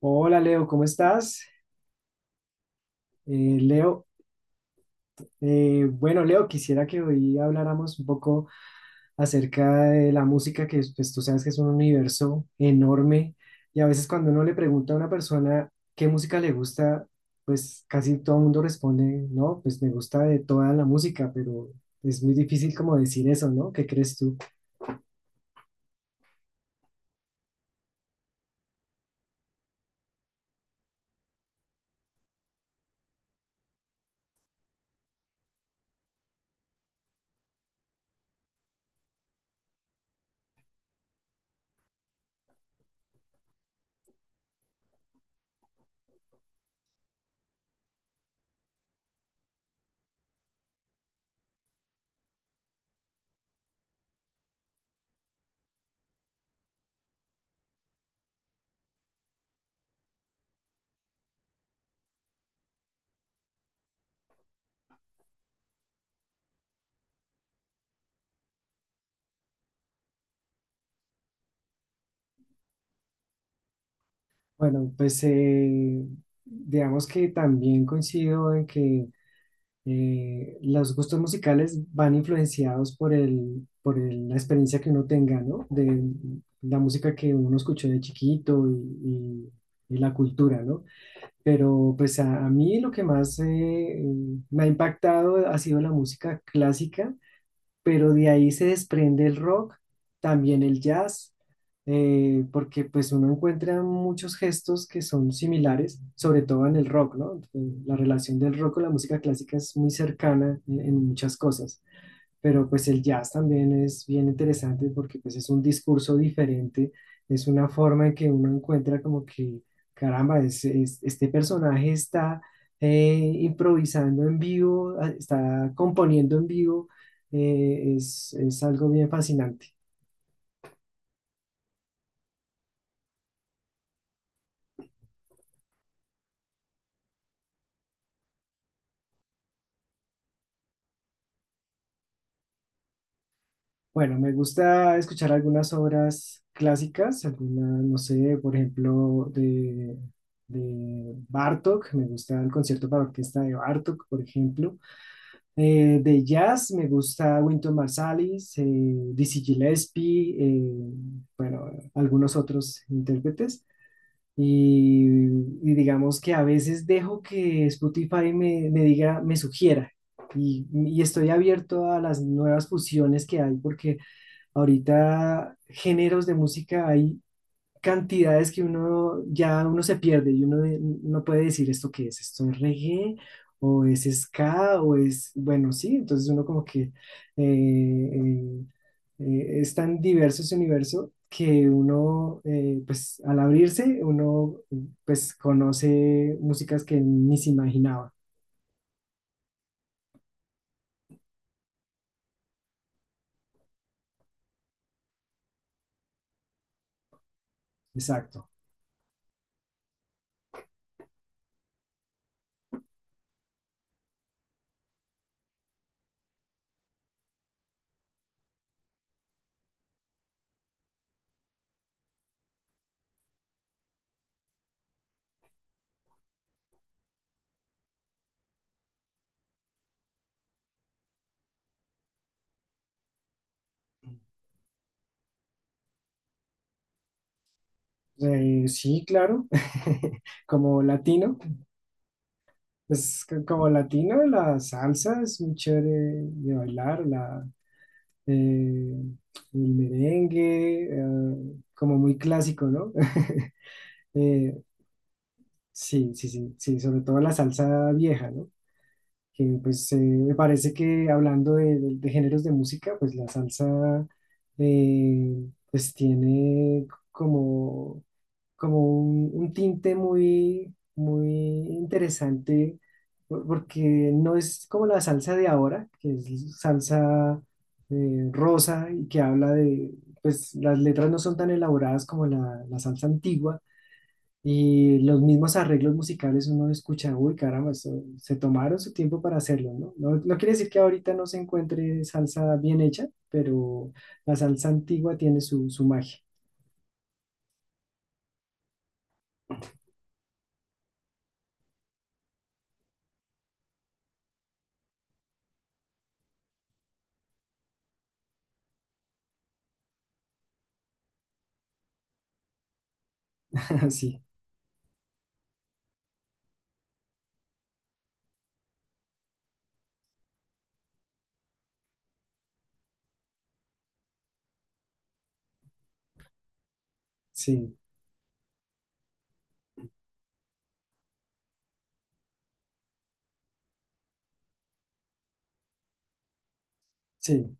Hola Leo, ¿cómo estás? Eh, Leo, bueno Leo, quisiera que hoy habláramos un poco acerca de la música, que pues tú sabes que es un universo enorme y a veces cuando uno le pregunta a una persona qué música le gusta, pues casi todo el mundo responde, no, pues me gusta de toda la música, pero es muy difícil como decir eso, ¿no? ¿Qué crees tú? Bueno, pues digamos que también coincido en que los gustos musicales van influenciados por la experiencia que uno tenga, ¿no? De la música que uno escuchó de chiquito y la cultura, ¿no? Pero pues a mí lo que más me ha impactado ha sido la música clásica, pero de ahí se desprende el rock, también el jazz, porque pues uno encuentra muchos gestos que son similares, sobre todo en el rock, ¿no? La relación del rock con la música clásica es muy cercana en muchas cosas, pero pues el jazz también es bien interesante porque pues es un discurso diferente, es una forma en que uno encuentra como que, caramba, este personaje está eh, improvisando en vivo, está componiendo en vivo. Es algo bien fascinante. Bueno, me gusta escuchar algunas obras clásicas, algunas, no sé, por ejemplo, de Bartók, me gusta el concierto para orquesta de Bartók, por ejemplo. De jazz me gusta Wynton Marsalis, Dizzy Gillespie, bueno, algunos otros intérpretes. Y, y digamos que a veces dejo que Spotify me diga, me sugiera. Y estoy abierto a las nuevas fusiones que hay, porque ahorita géneros de música hay cantidades que uno ya uno se pierde y uno no puede decir esto qué es, esto es reggae o es ska o es, bueno, sí, entonces uno como que eh, es tan diverso ese universo que uno, pues al abrirse, uno pues conoce músicas que ni se imaginaba. Exacto. Sí, claro, como latino. Pues como latino, la salsa es muy chévere de bailar, eh, el merengue, como muy clásico, ¿no? Eh, sí, sí, sí, sí, sobre todo la salsa vieja, ¿no? Que pues me parece que hablando de, de géneros de música, pues la salsa pues tiene como como un tinte muy, muy interesante, porque no es como la salsa de ahora, que es salsa rosa y que habla de, pues las letras no son tan elaboradas como la salsa antigua. Y los mismos arreglos musicales uno escucha, uy, caramba, se tomaron su tiempo para hacerlo, ¿no? No, no quiere decir que ahorita no se encuentre salsa bien hecha, pero la salsa antigua tiene su magia. Sí, sí, sí,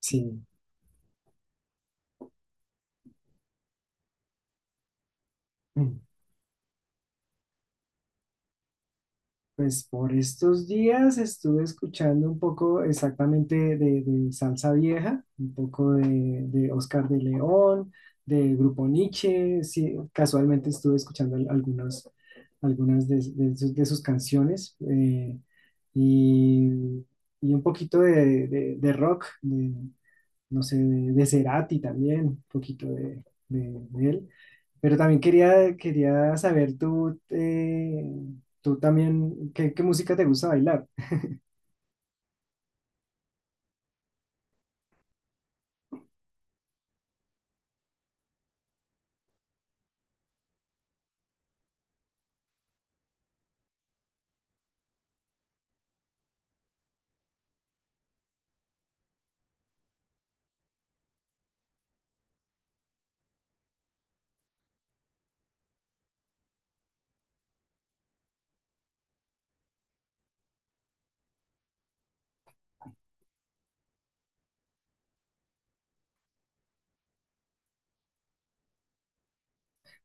sí. Pues por estos días estuve escuchando un poco exactamente de salsa vieja, un poco de Oscar de León, de Grupo Nietzsche, sí, casualmente estuve escuchando algunas, algunas de sus canciones y, y un poquito de, de rock. No sé, de Cerati también, un poquito de, de él. Pero también quería saber tú, tú también, qué música te gusta bailar?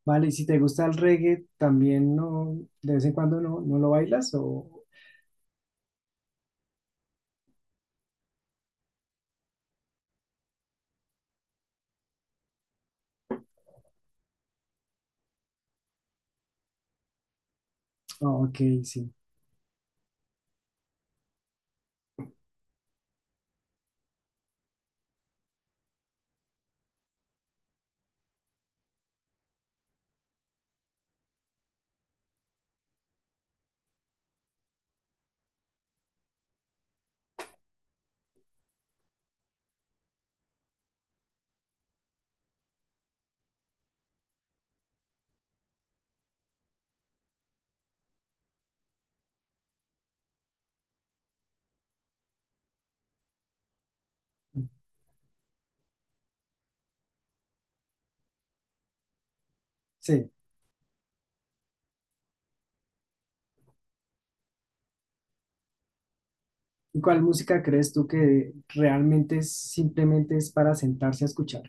Vale, y si te gusta el reggae, ¿también no, de vez en cuando no, no lo bailas? O, oh, ok, sí, sí. ¿Y cuál música crees tú que realmente simplemente es para sentarse a escuchar?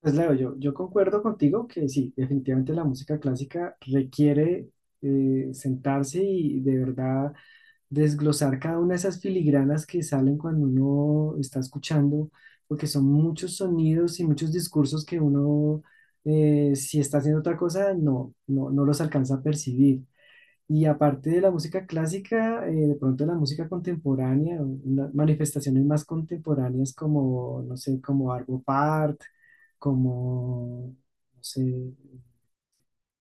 Pues Leo, yo concuerdo contigo que sí, definitivamente la música clásica requiere sentarse y de verdad desglosar cada una de esas filigranas que salen cuando uno está escuchando, porque son muchos sonidos y muchos discursos que uno, si está haciendo otra cosa, no, no, no los alcanza a percibir. Y aparte de la música clásica, de pronto la música contemporánea, manifestaciones más contemporáneas como, no sé, como Arvo Part, como, no sé,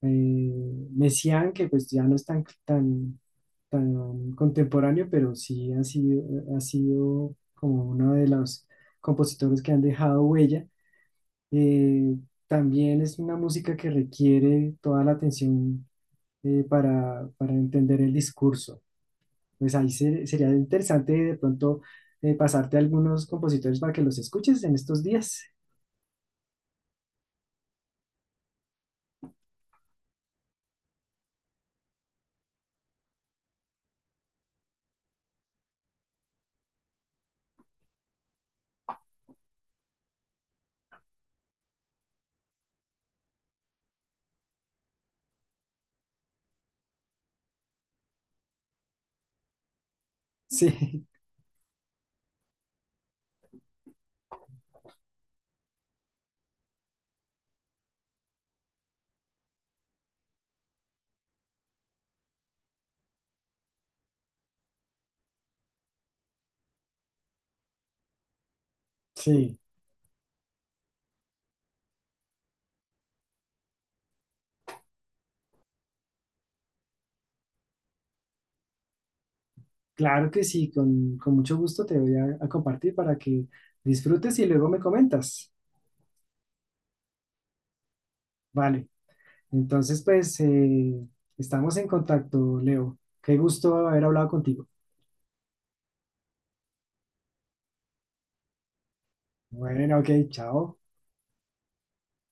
Messiaen, que pues ya no es tan, tan, tan contemporáneo, pero sí ha sido como uno de los compositores que han dejado huella. Eh, también es una música que requiere toda la atención para entender el discurso, pues ahí sería interesante de pronto pasarte algunos compositores para que los escuches en estos días. Sí, sí, claro que sí, con mucho gusto te voy a compartir para que disfrutes y luego me comentas. Vale, entonces pues estamos en contacto, Leo. Qué gusto haber hablado contigo. Bueno, ok, chao.